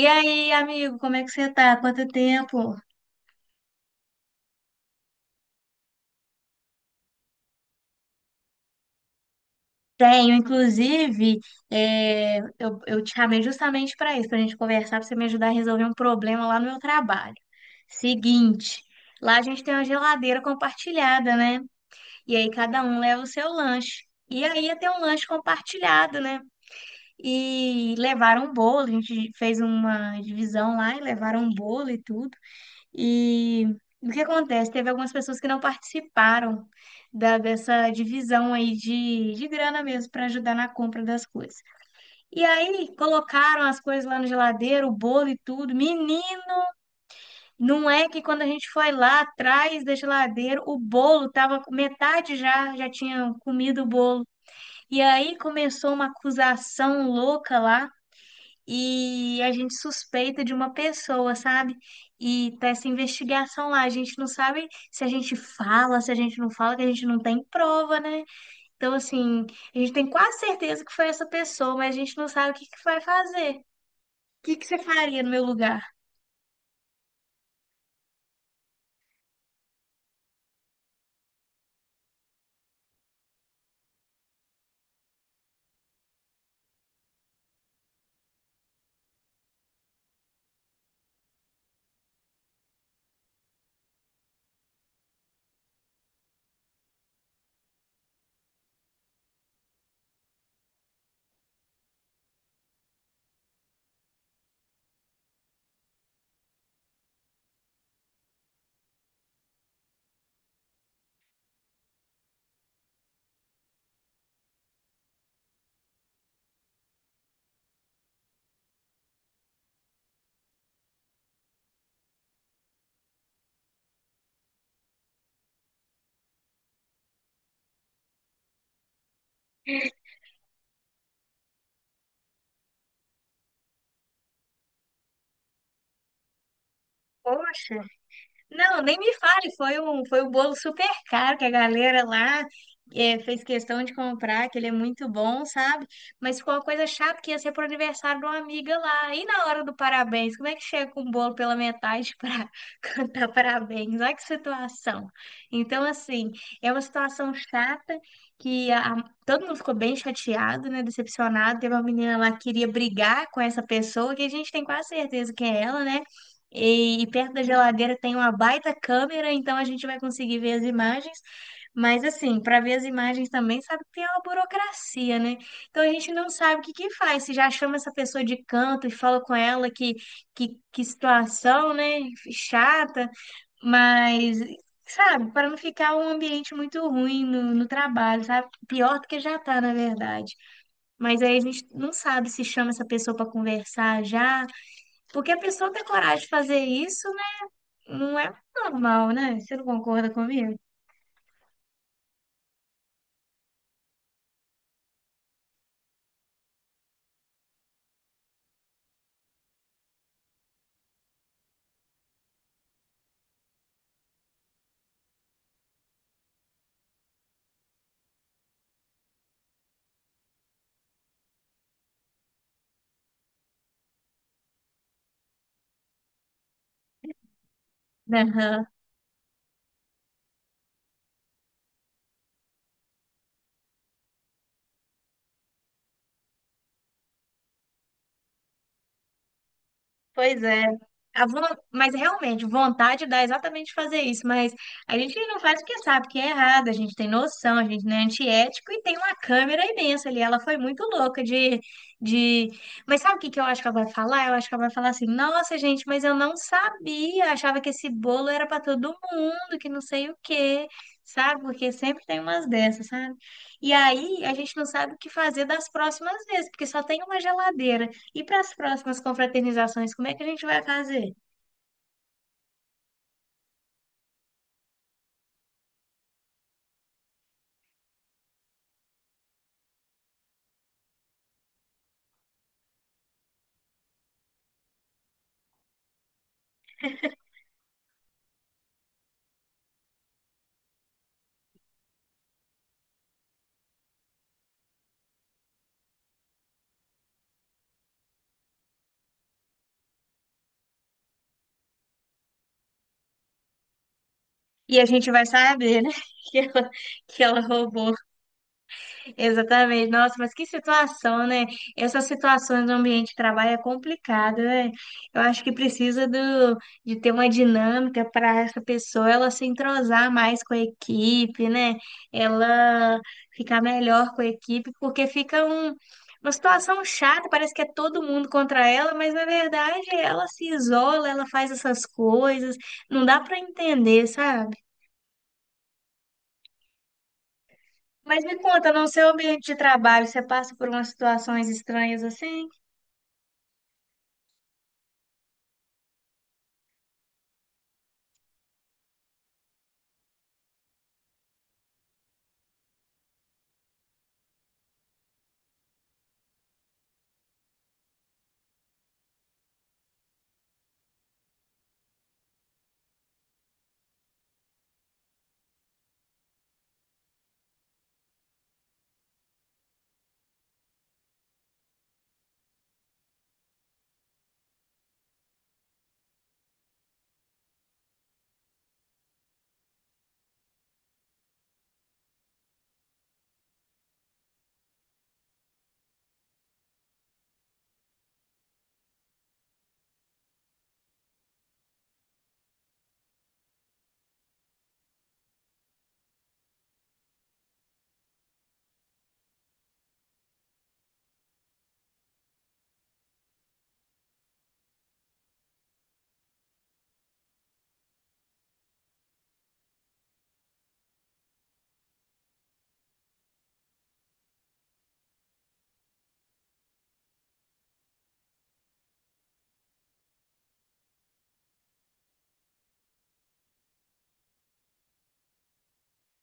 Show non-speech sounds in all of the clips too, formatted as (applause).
E aí, amigo, como é que você tá? Quanto tempo? Tenho, inclusive, eu te chamei justamente para isso, para a gente conversar, para você me ajudar a resolver um problema lá no meu trabalho. Seguinte, lá a gente tem uma geladeira compartilhada, né? E aí cada um leva o seu lanche. E aí ia ter um lanche compartilhado, né? E levaram um bolo, a gente fez uma divisão lá e levaram um bolo e tudo. E o que acontece? Teve algumas pessoas que não participaram dessa divisão aí de grana mesmo para ajudar na compra das coisas. E aí colocaram as coisas lá na geladeira, o bolo e tudo. Menino, não é que quando a gente foi lá atrás da geladeira, o bolo tava com metade, já, já tinha comido o bolo. E aí começou uma acusação louca lá e a gente suspeita de uma pessoa, sabe? E tá essa investigação lá, a gente não sabe se a gente fala, se a gente não fala, que a gente não tem prova, né? Então, assim, a gente tem quase certeza que foi essa pessoa, mas a gente não sabe o que que vai fazer. O que que você faria no meu lugar? Poxa. Não, nem me fale, foi foi um bolo super caro que a galera lá fez questão de comprar, que ele é muito bom, sabe? Mas ficou uma coisa chata que ia ser pro aniversário de uma amiga lá. E na hora do parabéns, como é que chega com um bolo pela metade (laughs) para cantar parabéns? Olha que situação. Então, assim, é uma situação chata que todo mundo ficou bem chateado, né? Decepcionado. Teve uma menina lá que queria brigar com essa pessoa, que a gente tem quase certeza que é ela, né? E perto da geladeira tem uma baita câmera, então a gente vai conseguir ver as imagens. Mas assim, para ver as imagens também, sabe que tem uma burocracia, né? Então a gente não sabe o que que faz. Se já chama essa pessoa de canto e fala com ela que situação, né? Chata, mas, sabe, para não ficar um ambiente muito ruim no trabalho, sabe? Pior do que já tá, na verdade. Mas aí a gente não sabe se chama essa pessoa para conversar já, porque a pessoa tem coragem de fazer isso não é normal, né? Você não concorda comigo? Não. Pois é. A von- Mas realmente, vontade dá exatamente fazer isso, mas a gente não faz porque sabe que é errado, a gente tem noção, a gente não é antiético e tem uma câmera imensa ali. Ela foi muito louca de... Mas sabe o que que eu acho que ela vai falar? Eu acho que ela vai falar assim, nossa, gente, mas eu não sabia, achava que esse bolo era para todo mundo, que não sei o quê, sabe? Porque sempre tem umas dessas, sabe? E aí a gente não sabe o que fazer das próximas vezes, porque só tem uma geladeira. E para as próximas confraternizações, como é que a gente vai fazer? E a gente vai saber, né, (laughs) que ela, que ela roubou. Exatamente. Nossa, mas que situação, né? Essas situações no ambiente de trabalho é complicado, né? Eu acho que precisa de ter uma dinâmica para essa pessoa ela se entrosar mais com a equipe, né? Ela ficar melhor com a equipe, porque fica uma situação chata, parece que é todo mundo contra ela, mas na verdade ela se isola, ela faz essas coisas, não dá para entender, sabe? Mas me conta, no seu ambiente de trabalho, você passa por umas situações estranhas assim?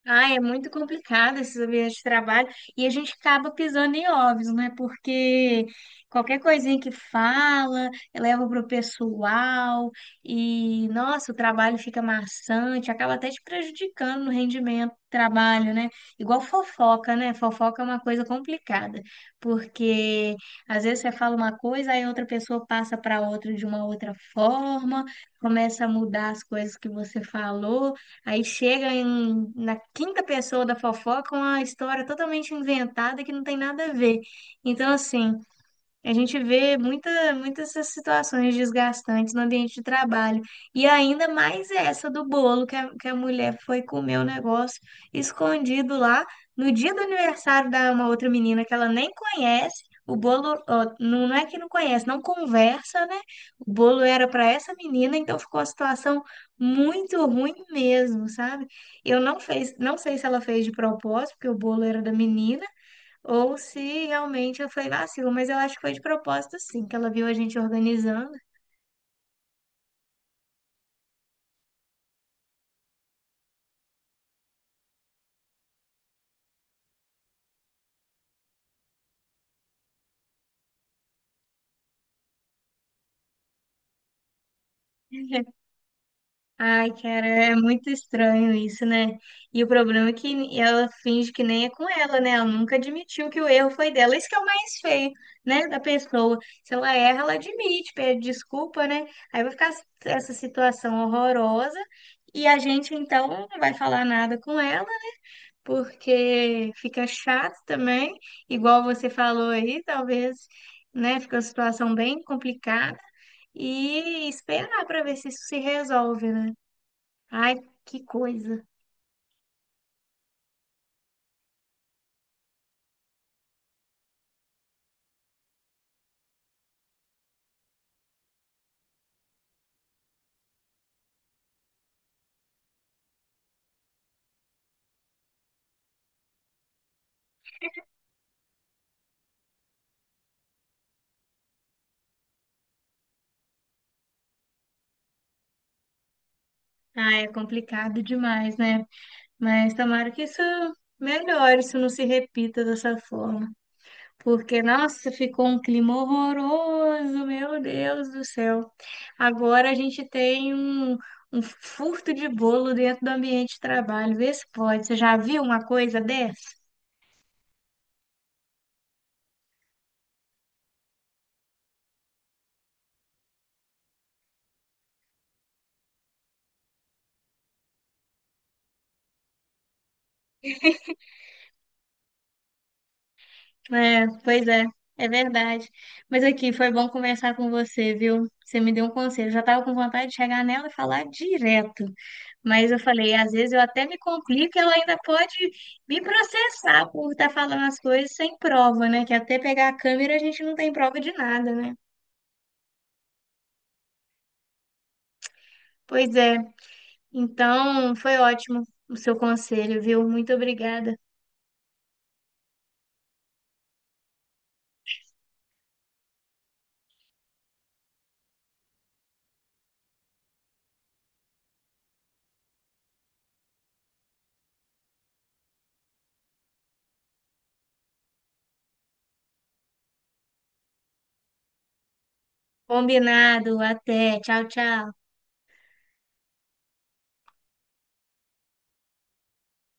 Ai, é muito complicado esses ambientes de trabalho e a gente acaba pisando em ovos, né? Porque qualquer coisinha que fala, leva pro pessoal e, nossa, o trabalho fica maçante, acaba até te prejudicando no rendimento do trabalho, né? Igual fofoca, né? Fofoca é uma coisa complicada, porque às vezes você fala uma coisa, aí outra pessoa passa para outra de uma outra forma, começa a mudar as coisas que você falou. Aí na quinta pessoa da fofoca uma história totalmente inventada que não tem nada a ver. Então, assim, a gente vê muitas essas situações desgastantes no ambiente de trabalho. E ainda mais essa do bolo, que a mulher foi comer o negócio escondido lá no dia do aniversário da uma outra menina que ela nem conhece. O bolo, ó, não é que não conhece, não conversa, né? O bolo era para essa menina, então ficou a situação muito ruim mesmo, sabe? Eu não fez, não sei se ela fez de propósito, porque o bolo era da menina. Ou se realmente foi vacilo, mas eu acho que foi de propósito, sim, que ela viu a gente organizando. (laughs) Ai, cara, é muito estranho isso, né? E o problema é que ela finge que nem é com ela, né? Ela nunca admitiu que o erro foi dela. Isso que é o mais feio, né? Da pessoa. Se ela erra, ela admite, pede desculpa, né? Aí vai ficar essa situação horrorosa e a gente então não vai falar nada com ela. Porque fica chato também, igual você falou aí, talvez, né, fica uma situação bem complicada e esperar para ver se isso se resolve, né? Ai, que coisa. Ai, é complicado demais, né? Mas tomara que isso melhore, isso não se repita dessa forma. Porque, nossa, ficou um clima horroroso, meu Deus do céu. Agora a gente tem um furto de bolo dentro do ambiente de trabalho. Vê se pode. Você já viu uma coisa dessa? É, pois é, é verdade. Mas aqui, foi bom conversar com você, viu? Você me deu um conselho. Já estava com vontade de chegar nela e falar direto. Mas eu falei, às vezes eu até me complico, e ela ainda pode me processar por estar falando as coisas sem prova, né? Que até pegar a câmera a gente não tem prova de nada, né? Pois é. Então, foi ótimo o seu conselho, viu? Muito obrigada. Combinado. Até. Tchau, tchau.